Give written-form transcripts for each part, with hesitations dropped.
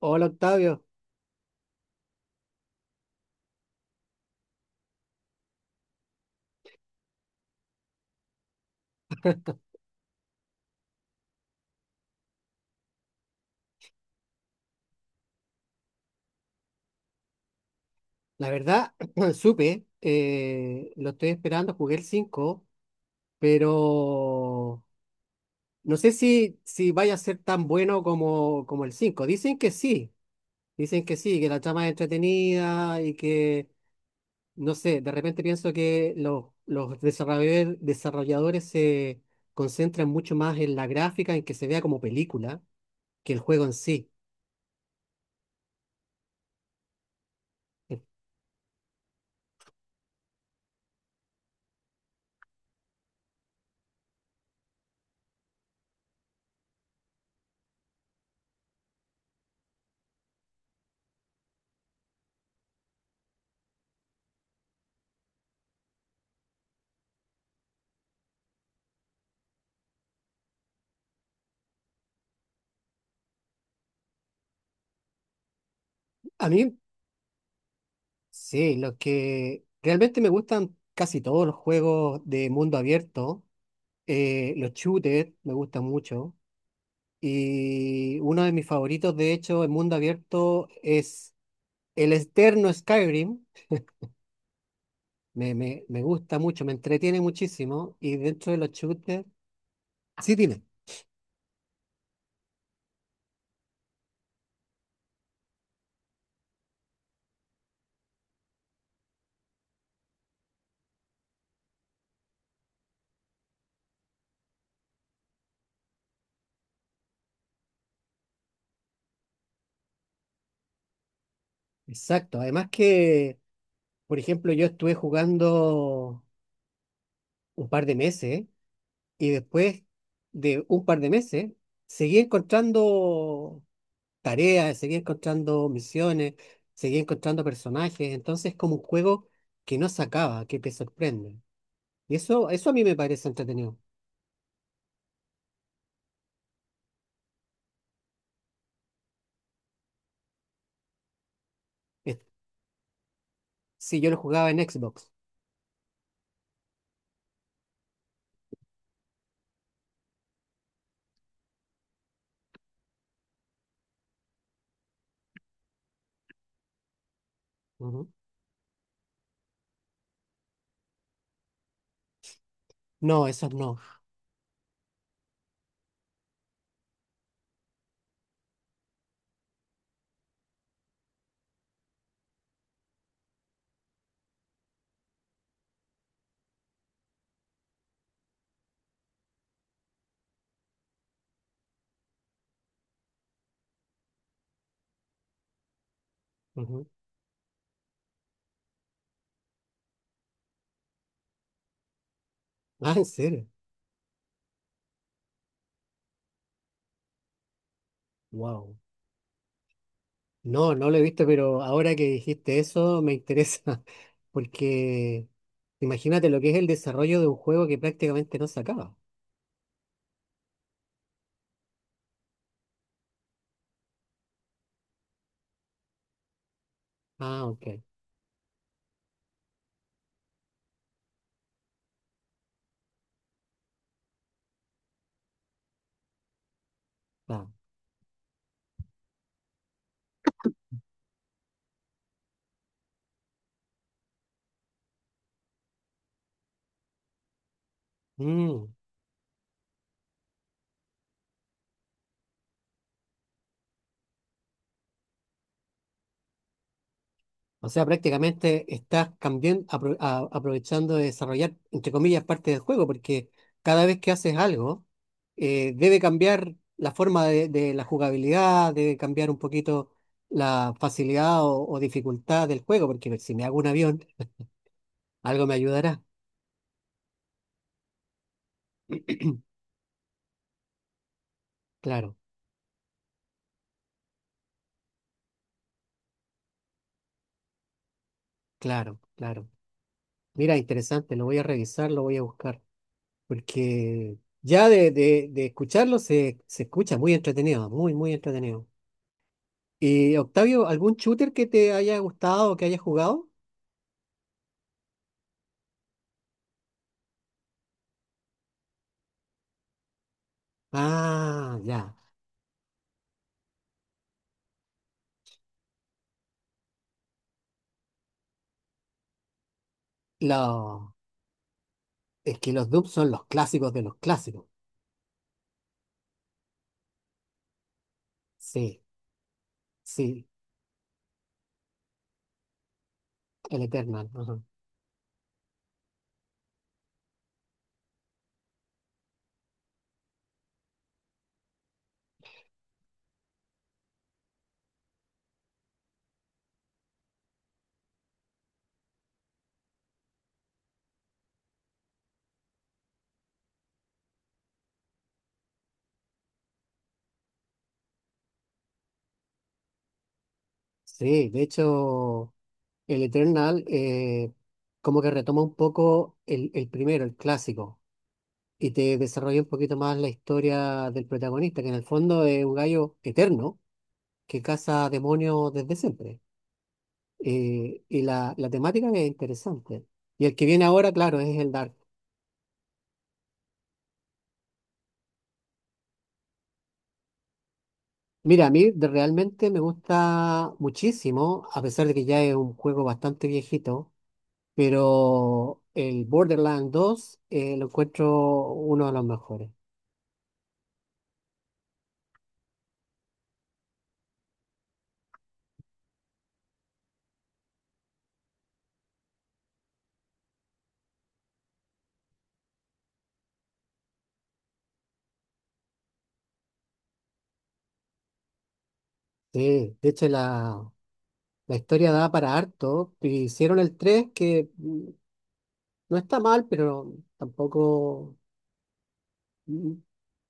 Hola Octavio, la verdad supe, lo estoy esperando, jugué el 5, pero no sé si vaya a ser tan bueno como el 5. Dicen que sí, que la trama es entretenida y que, no sé, de repente pienso que los desarrolladores, desarrolladores se concentran mucho más en la gráfica, en que se vea como película, que el juego en sí. A mí Sí, lo que realmente me gustan casi todos los juegos de mundo abierto. Los shooters me gustan mucho. Y uno de mis favoritos, de hecho, en mundo abierto es el externo Skyrim. Me gusta mucho, me entretiene muchísimo. Y dentro de los shooters, sí, dime. Exacto. Además que, por ejemplo, yo estuve jugando un par de meses y después de un par de meses seguí encontrando. Tareas, seguía encontrando misiones, seguía encontrando personajes. Entonces, es como un juego que no se acaba, que te sorprende. Y eso a mí me parece entretenido. Es- si yo lo jugaba en Xbox. Ujú. No, esos no. Ujú. Ah, ¿en serio? Wow. No, no lo he visto, pero ahora que dijiste eso me interesa, porque imagínate lo que es el desarrollo de un juego que prácticamente no se acaba. Ah, ok. Ah. Mm. O sea, prácticamente estás cambiando, aprovechando de desarrollar, entre comillas, parte del juego, porque cada vez que haces algo, debe cambiar la forma de la jugabilidad, debe cambiar un poquito la facilidad o dificultad del juego, porque si me hago un avión, algo me ayudará. Claro, claro, claro. Mira, interesante, lo voy a revisar, lo voy a buscar, porque ya de escucharlo se escucha muy entretenido, muy, muy entretenido. Octavio, ¿algún shooter que te haya gustado o que hayas jugado? Ah, ya. Lo- Es que los Doom son los clásicos de los clásicos. Sí, sí, el Eternal. Ajá. Sí, de hecho, el Eternal, como que retoma un poco el primero, el clásico, y te desarrolla un poquito más la historia del protagonista, que en el fondo es un gallo eterno que caza demonios desde siempre. Y la temática es interesante. Y el que viene ahora, claro, es el Dark. Mira, a mí realmente me gusta muchísimo, a pesar de que ya es un juego bastante viejito, pero el Borderlands dos, lo encuentro uno de los mejores. Sí, de hecho la historia da para harto. Y hicieron el tres, que no está mal, pero tampoco. Mm.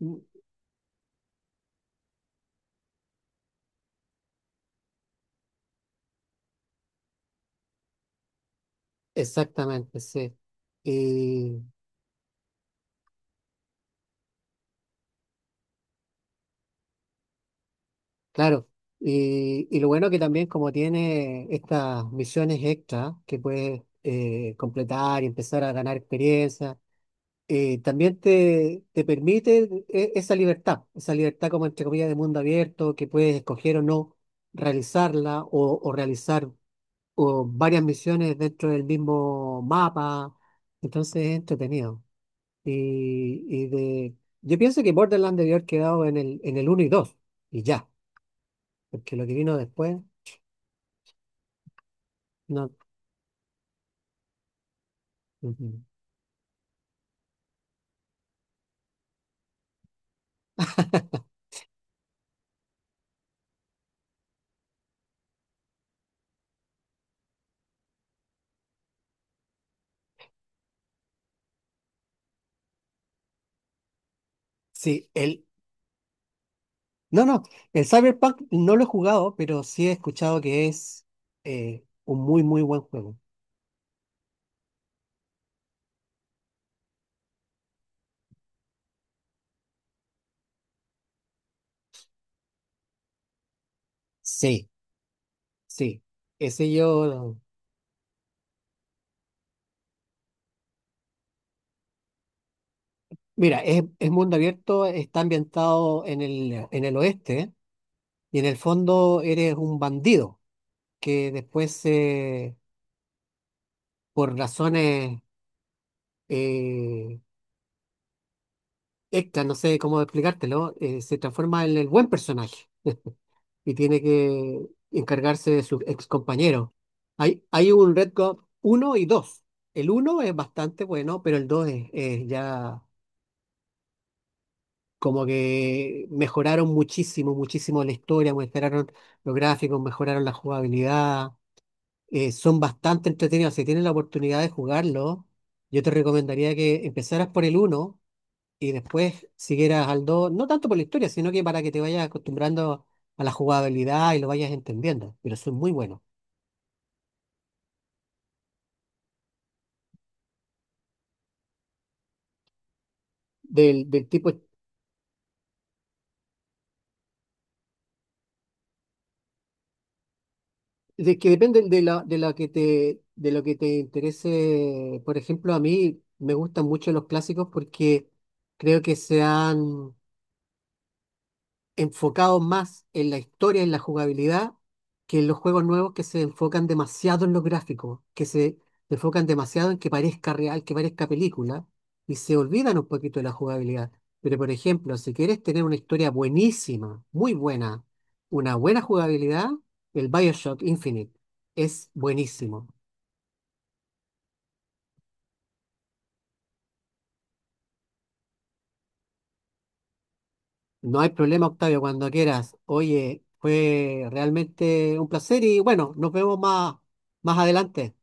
Mm. Exactamente, sí. Claro, y lo bueno que también como tiene estas misiones extra que puedes, completar y empezar a ganar experiencia, también te permite esa libertad, esa libertad, como entre comillas, de mundo abierto, que puedes escoger o no realizarla o realizar o varias misiones dentro del mismo mapa, entonces es entretenido. Y, yo pienso que Borderlands debió haber quedado en el uno y 2 y ya, porque lo que vino después. No, ujú. sí, el, no, no, el Cyberpunk no lo he jugado, pero sí he escuchado que es, un muy, muy buen juego. Sí, sí, ese yo, mira, es mundo abierto, está ambientado en el oeste y en el fondo eres un bandido que después, por razones, eh, Ekta, no sé cómo explicártelo, se transforma en el buen personaje y tiene que encargarse de sus ex compañeros. Hay un Red Guard uno y dos. El uno es bastante bueno, pero el 2 es, ya como que mejoraron muchísimo, muchísimo la historia, mejoraron los gráficos, mejoraron la jugabilidad. Son bastante entretenidos. Si tienes la oportunidad de jugarlo, yo te recomendaría que empezaras por el uno y después siguieras al dos, no tanto por la historia, sino que para que te vayas acostumbrando a la jugabilidad y lo vayas entendiendo, pero son muy buenos. Del tipo, de que depende de la de lo que te interese. Por ejemplo, a mí me gustan mucho los clásicos porque creo que se han enfocados más en la historia, en la jugabilidad, que en los juegos nuevos que se enfocan demasiado en los gráficos, que se enfocan demasiado en que parezca real, que parezca película, y se olvidan un poquito de la jugabilidad. Pero, por ejemplo, si quieres tener una historia buenísima, muy buena, una buena jugabilidad, el BioShock Infinite es buenísimo. No hay problema, Octavio, cuando quieras. Oye, fue realmente un placer y bueno, nos vemos más, adelante.